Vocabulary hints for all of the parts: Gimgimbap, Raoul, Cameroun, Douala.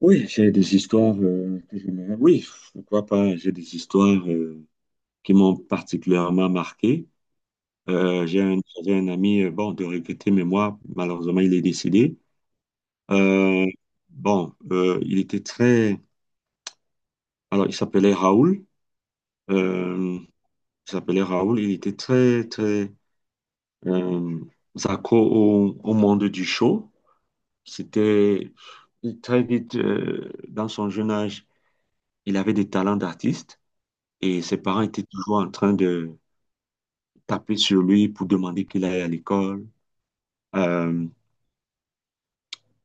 Oui, j'ai des histoires que je me... Oui, pourquoi pas. J'ai des histoires qui m'ont particulièrement marqué. J'avais un ami, bon, de regretter, mais moi, malheureusement, il est décédé. Euh, il était très... Alors, il s'appelait Raoul. Euh, il s'appelait Raoul. Il était très euh, accro au monde du show. C'était très vite, dans son jeune âge, il avait des talents d'artiste. Et ses parents étaient toujours en train de taper sur lui pour demander qu'il aille à l'école. Euh,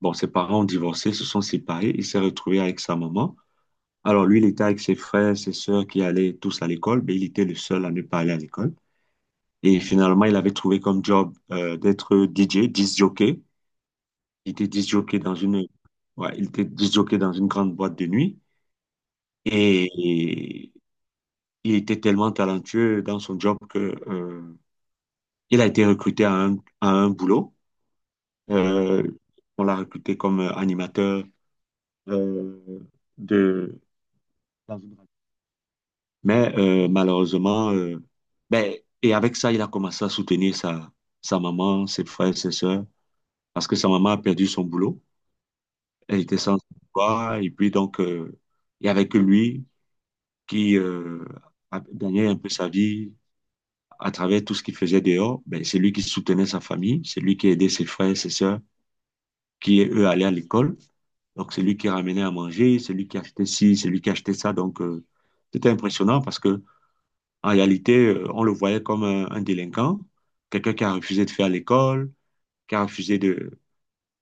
bon, ses parents ont divorcé, se sont séparés. Il s'est retrouvé avec sa maman. Alors lui, il était avec ses frères, ses sœurs qui allaient tous à l'école, mais il était le seul à ne pas aller à l'école. Et finalement, il avait trouvé comme job d'être DJ, disc jockey. Il était disc jockey dans une, ouais, il était disc jockey dans une grande boîte de nuit. Et il était tellement talentueux dans son job que euh, il a été recruté à un boulot. Euh, on l'a recruté comme animateur euh, de la zone radio. Mais malheureusement, ben, et avec ça, il a commencé à soutenir sa maman, ses frères, ses sœurs, parce que sa maman a perdu son boulot. Elle était sans emploi. Et puis donc, il n'y avait que lui qui a gagné un peu sa vie à travers tout ce qu'il faisait dehors. Ben, c'est lui qui soutenait sa famille, c'est lui qui aidait ses frères, ses sœurs, qui, eux, allaient à l'école. Donc, c'est lui qui ramenait à manger, c'est lui qui achetait ci, c'est lui qui achetait ça. Donc, c'était impressionnant parce que en réalité, on le voyait comme un délinquant, quelqu'un qui a refusé de faire l'école, qui a refusé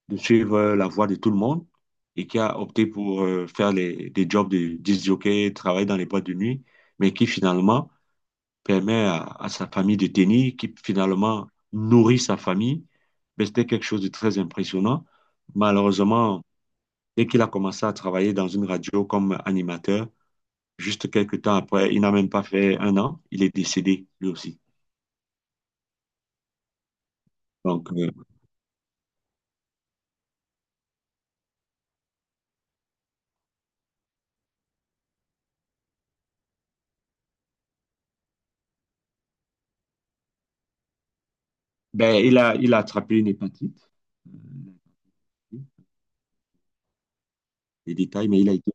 de suivre la voie de tout le monde et qui a opté pour faire des jobs de disjockey, travailler dans les boîtes de nuit, mais qui finalement permet à sa famille de tenir, qui finalement nourrit sa famille. Mais c'était quelque chose de très impressionnant. Malheureusement, dès qu'il a commencé à travailler dans une radio comme animateur, juste quelques temps après, il n'a même pas fait un an, il est décédé lui aussi. Donc, ben, il a attrapé une hépatite, euh, les détails, mais il a été.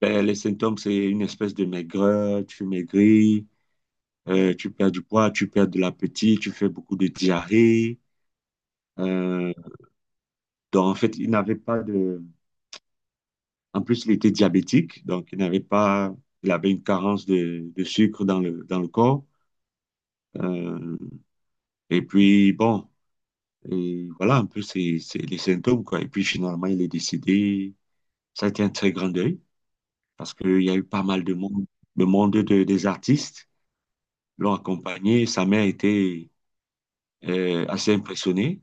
Ben, les symptômes, c'est une espèce de maigreur, tu maigris, tu perds du poids, tu perds de l'appétit, tu fais beaucoup de diarrhée. Euh, donc, en fait, il n'avait pas de. En plus, il était diabétique, donc il n'avait pas. Il avait une carence de sucre dans dans le corps. Euh, Et puis, bon, et voilà un peu c'est les symptômes, quoi. Et puis, finalement, il est décédé. Ça a été un très grand deuil parce qu'il y a eu pas mal de monde, le monde de, des artistes l'ont accompagné. Sa mère était assez impressionnée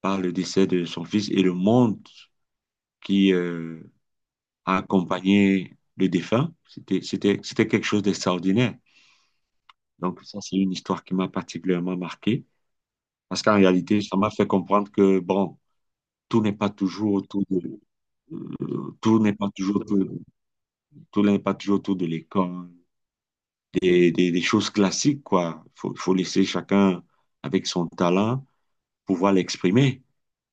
par le décès de son fils et le monde qui a accompagné le défunt. C'était quelque chose d'extraordinaire. Donc, ça, c'est une histoire qui m'a particulièrement marqué parce qu'en réalité, ça m'a fait comprendre que, bon, tout n'est pas toujours autour de, Euh, tout n'est pas toujours, tout, tout n'est pas toujours autour de l'école. Des choses classiques, quoi. Faut laisser chacun avec son talent pouvoir l'exprimer.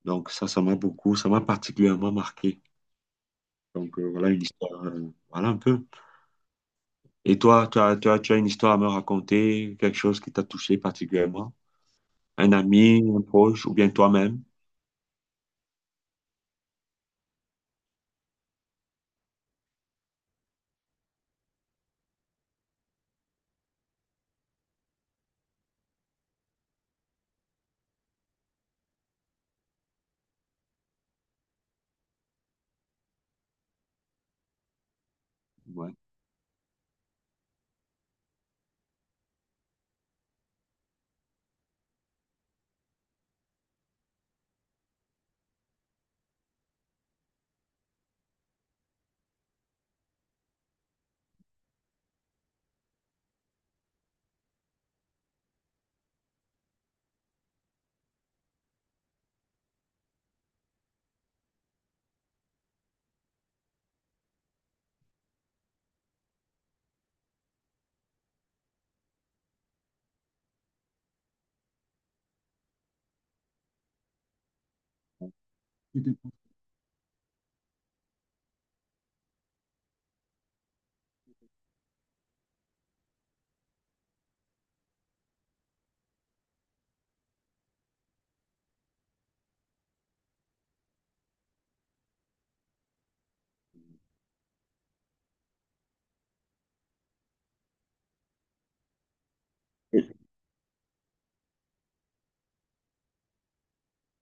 Donc ça, ça m'a particulièrement marqué. Donc voilà une histoire, voilà un peu. Et toi, tu as une histoire à me raconter, quelque chose qui t'a touché particulièrement? Un ami, un proche, ou bien toi-même? Ouais.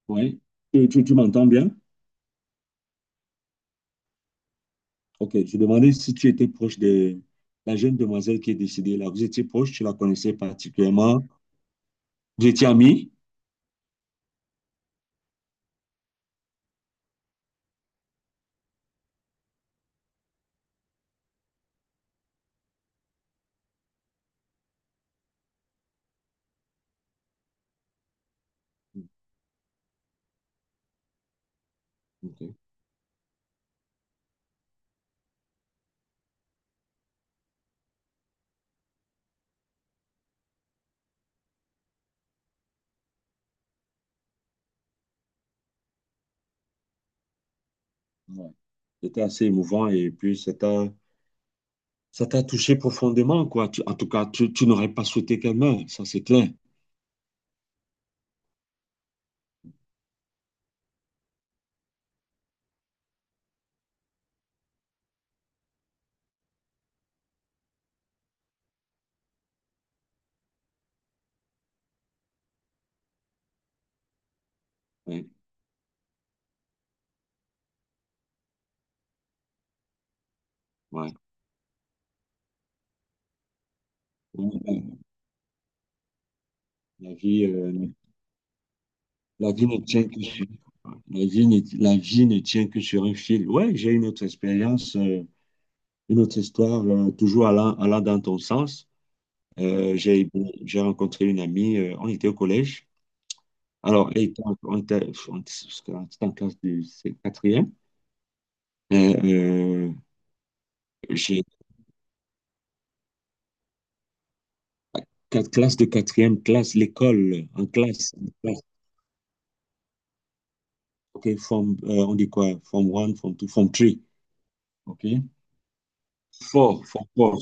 Oui. Tu, tu m'entends bien? Ok, je demandais si tu étais proche de la jeune demoiselle qui est décédée là. Vous étiez proche, tu la connaissais particulièrement. Vous étiez amis? Ok, ouais. C'était assez émouvant et puis ça t'a touché profondément, quoi. Tu- en tout cas, tu n'aurais pas souhaité qu'elle meure, ça c'est clair. Ouais, ouais. Ouais, ouais. La vie, euh, La vie ne tient que sur, la vie ne tient que sur un fil. Ouais, j'ai une autre expérience, une autre histoire, toujours allant dans ton sens. Euh, j'ai, j'ai rencontré une amie, on était au collège. Alors, elle était en- on était, on était on était en classe de c'est quatrième. Euh, euh, j'ai quatre classes de quatrième classe, l'école, en classe, en classe. OK, form, on dit quoi? Form one, form two, form three. OK? Four, fort, four.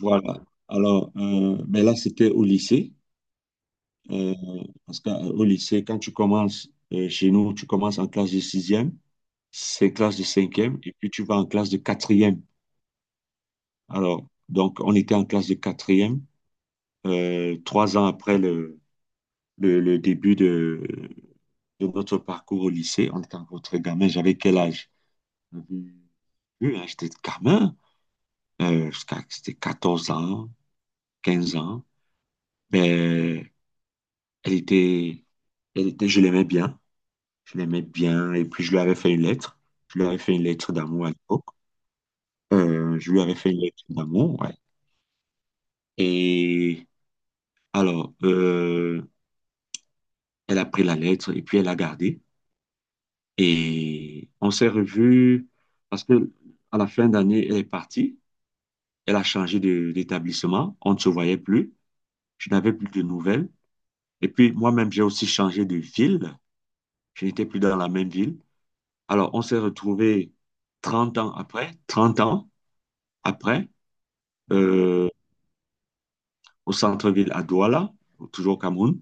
Voilà. Alors, mais là, c'était au lycée. Euh, parce qu'au lycée, quand tu commences, chez nous, tu commences en classe de sixième, c'est classe de cinquième, et puis tu vas en classe de quatrième. Alors, donc, on était en classe de quatrième, trois ans après le début de notre parcours au lycée. On était encore très gamin. J'avais quel âge? J'avais- oui, hein, j'étais gamin. C'était 14 ans, quinze ans. Mais elle était, elle était, je l'aimais bien. Je l'aimais bien. Et puis, je lui avais fait une lettre. Je lui avais fait une lettre d'amour à l'époque. Je lui avais fait une lettre d'amour, ouais. Et alors, elle a pris la lettre et puis elle a gardé. Et on s'est revus parce que à la fin d'année, elle est partie. Elle a changé de- d'établissement. On ne se voyait plus. Je n'avais plus de nouvelles. Et puis moi-même, j'ai aussi changé de ville. Je n'étais plus dans la même ville. Alors, on s'est retrouvés 30 ans après. 30 ans après. Euh, au centre-ville à Douala, toujours au Cameroun.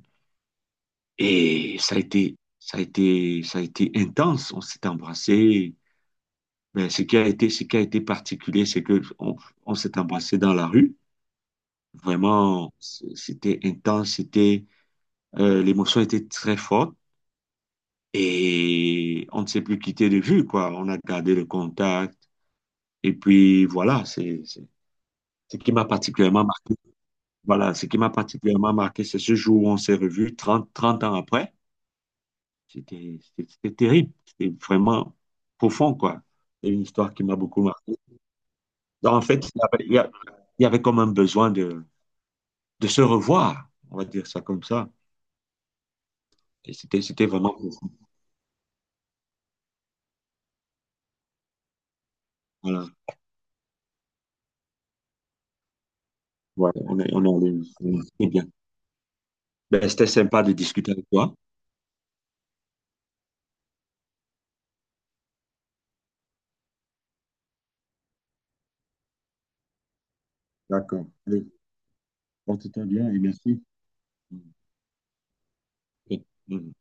Et ça a été intense. On s'est embrassé. Mais ce qui a été particulier, c'est que on s'est embrassé dans la rue. Vraiment, c'était intense. C'était, l'émotion était très forte. Et on ne s'est plus quitté de vue, quoi. On a gardé le contact. Et puis voilà, c'est ce qui m'a particulièrement marqué. Voilà, ce qui m'a particulièrement marqué, c'est ce jour où on s'est revus 30 ans après. C'était terrible. C'était vraiment profond, quoi. C'est une histoire qui m'a beaucoup marqué. Donc, en fait, il y avait comme un besoin de se revoir, on va dire ça comme ça. Et c'était vraiment profond. Voilà. Ouais, on est allé- on est- c'est bien. Ben, c'était sympa de discuter avec toi. D'accord. Allez, porte-toi bien et merci. Ok. Mhm.